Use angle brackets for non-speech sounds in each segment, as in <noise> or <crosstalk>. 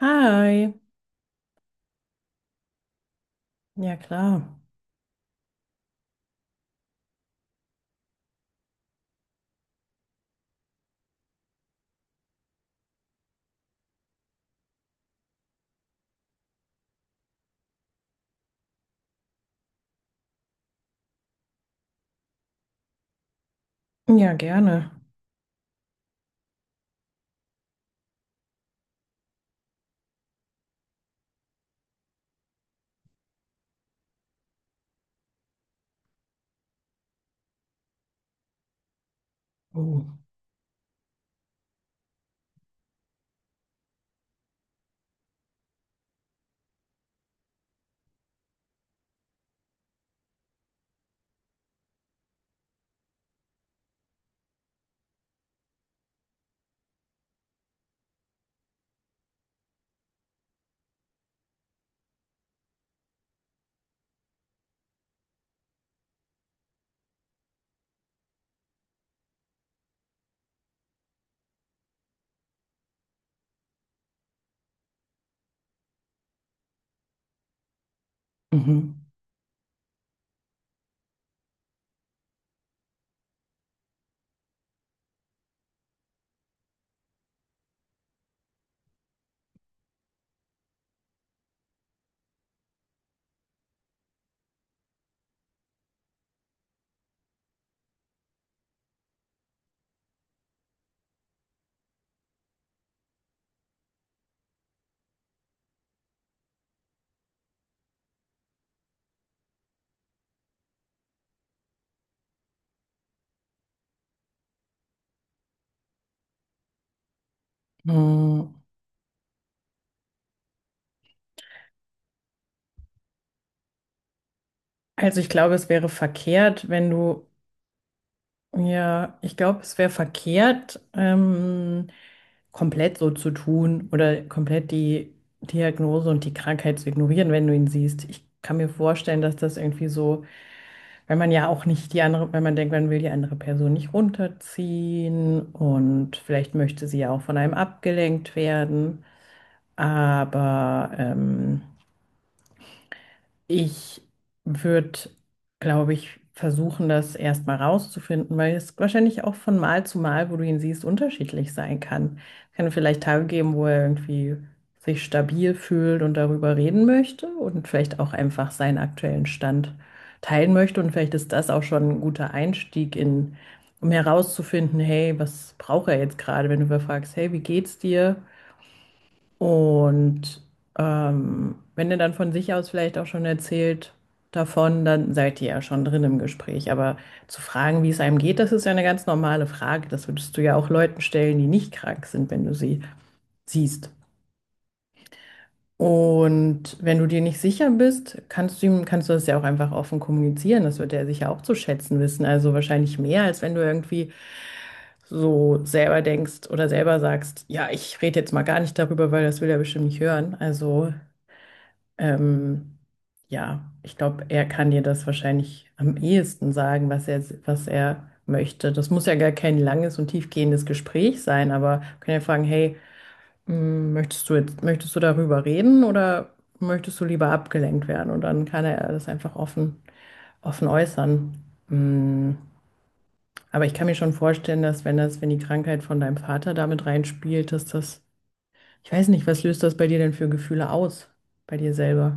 Hi. Ja, klar. Ja, gerne. Oh. Mhm. Mm. Also ich glaube, es wäre verkehrt, wenn du, ja, ich glaube, es wäre verkehrt, komplett so zu tun oder komplett die Diagnose und die Krankheit zu ignorieren, wenn du ihn siehst. Ich kann mir vorstellen, dass das irgendwie so, weil man ja auch nicht die andere, wenn man denkt, man will die andere Person nicht runterziehen und vielleicht möchte sie ja auch von einem abgelenkt werden. Aber ich würde, glaube ich, versuchen, das erstmal rauszufinden, weil es wahrscheinlich auch von Mal zu Mal, wo du ihn siehst, unterschiedlich sein kann. Es kann vielleicht Tage geben, wo er irgendwie sich stabil fühlt und darüber reden möchte und vielleicht auch einfach seinen aktuellen Stand teilen möchte. Und vielleicht ist das auch schon ein guter Einstieg um herauszufinden, hey, was braucht er jetzt gerade, wenn du überfragst, hey, wie geht's dir? Und wenn ihr dann von sich aus vielleicht auch schon erzählt davon, dann seid ihr ja schon drin im Gespräch. Aber zu fragen, wie es einem geht, das ist ja eine ganz normale Frage. Das würdest du ja auch Leuten stellen, die nicht krank sind, wenn du sie siehst. Und wenn du dir nicht sicher bist, kannst du das ja auch einfach offen kommunizieren. Das wird er sicher auch zu schätzen wissen. Also wahrscheinlich mehr, als wenn du irgendwie so selber denkst oder selber sagst, ja, ich rede jetzt mal gar nicht darüber, weil das will er bestimmt nicht hören. Ähm, ja, ich glaube, er kann dir das wahrscheinlich am ehesten sagen, was er möchte. Das muss ja gar kein langes und tiefgehendes Gespräch sein, aber wir können ja fragen, hey, mh, möchtest du darüber reden oder möchtest du lieber abgelenkt werden? Und dann kann er das einfach offen äußern. Mh, aber ich kann mir schon vorstellen, dass wenn die Krankheit von deinem Vater damit reinspielt, ich weiß nicht, was löst das bei dir denn für Gefühle aus, bei dir selber?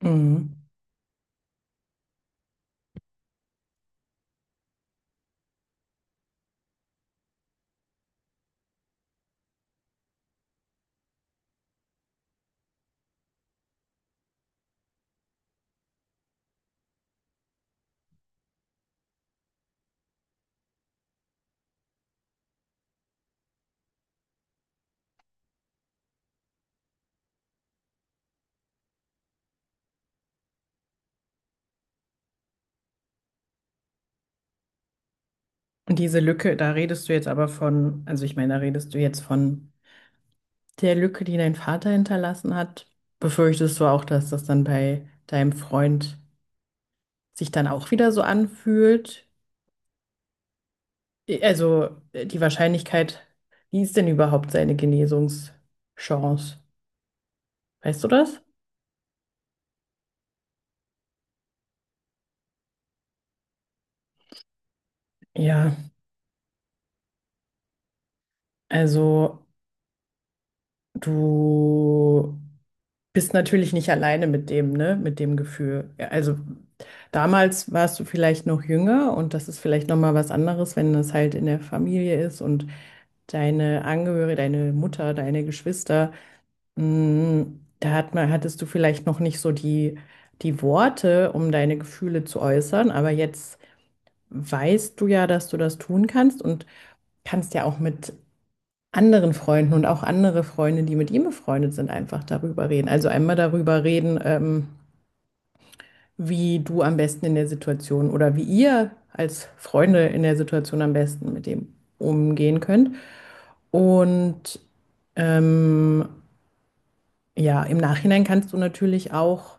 Mhm. Und diese Lücke, da redest du jetzt aber von, also ich meine, da redest du jetzt von der Lücke, die dein Vater hinterlassen hat. Befürchtest du auch, dass das dann bei deinem Freund sich dann auch wieder so anfühlt? Also wie ist denn überhaupt seine Genesungschance? Weißt du das? Ja, also du bist natürlich nicht alleine mit dem, ne, mit dem Gefühl. Ja, also damals warst du vielleicht noch jünger und das ist vielleicht noch mal was anderes, wenn das halt in der Familie ist und deine Angehörige, deine Mutter, deine Geschwister, mh, hattest du vielleicht noch nicht so die Worte, um deine Gefühle zu äußern, aber jetzt weißt du ja, dass du das tun kannst und kannst ja auch mit anderen Freunden und auch andere Freunde, die mit ihm befreundet sind, einfach darüber reden. Also einmal darüber reden, wie du am besten in der Situation oder wie ihr als Freunde in der Situation am besten mit dem umgehen könnt. Und ähm, ja, im Nachhinein kannst du natürlich auch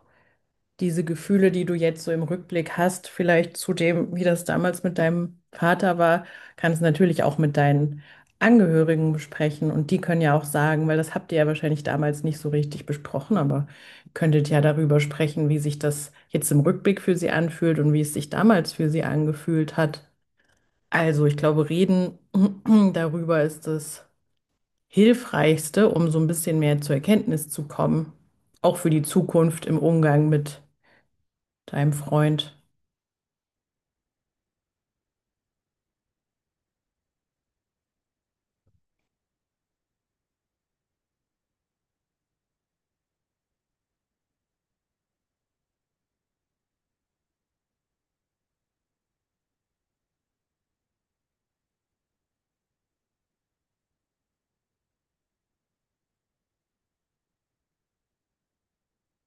diese Gefühle, die du jetzt so im Rückblick hast, vielleicht zu dem, wie das damals mit deinem Vater war, kannst du natürlich auch mit deinen Angehörigen besprechen. Und die können ja auch sagen, weil das habt ihr ja wahrscheinlich damals nicht so richtig besprochen, aber ihr könntet ja darüber sprechen, wie sich das jetzt im Rückblick für sie anfühlt und wie es sich damals für sie angefühlt hat. Also ich glaube, reden <clears throat> darüber ist das Hilfreichste, um so ein bisschen mehr zur Erkenntnis zu kommen, auch für die Zukunft im Umgang mit deinem Freund.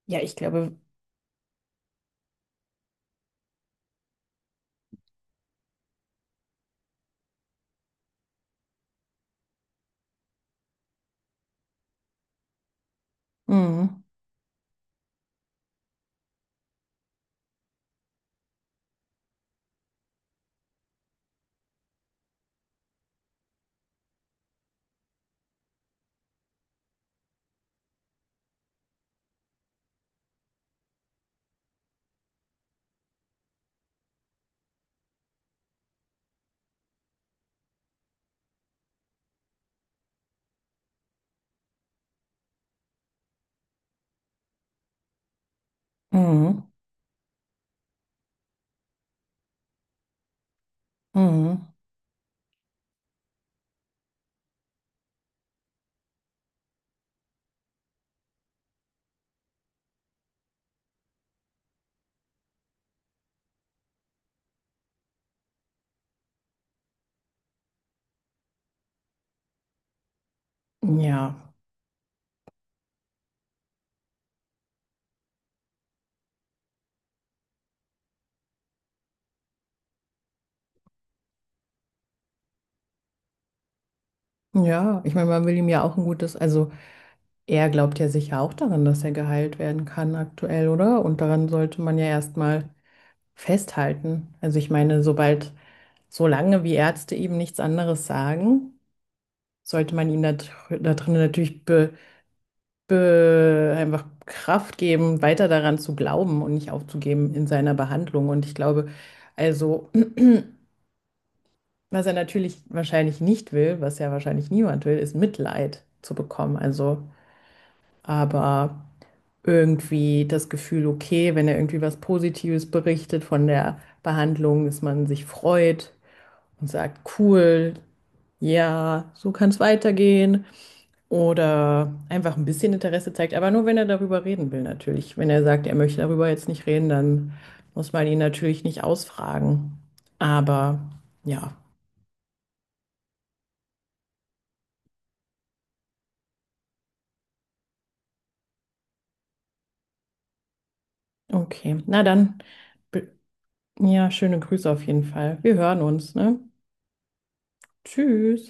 Ja, ich glaube. Mhm. Mhm. Mhm. Ja. Ja, ich meine, man will ihm ja auch ein gutes, also er glaubt ja sicher auch daran, dass er geheilt werden kann aktuell, oder? Und daran sollte man ja erstmal festhalten. Solange wie Ärzte eben nichts anderes sagen, sollte man ihm da drin natürlich einfach Kraft geben, weiter daran zu glauben und nicht aufzugeben in seiner Behandlung. Und ich glaube, also <clears throat> was er natürlich wahrscheinlich nicht will, was ja wahrscheinlich niemand will, ist Mitleid zu bekommen. Aber irgendwie das Gefühl, okay, wenn er irgendwie was Positives berichtet von der Behandlung, dass man sich freut und sagt, cool, ja, so kann es weitergehen. Oder einfach ein bisschen Interesse zeigt, aber nur wenn er darüber reden will, natürlich. Wenn er sagt, er möchte darüber jetzt nicht reden, dann muss man ihn natürlich nicht ausfragen. Aber ja, okay, na dann, be- ja, schöne Grüße auf jeden Fall. Wir hören uns, ne? Tschüss.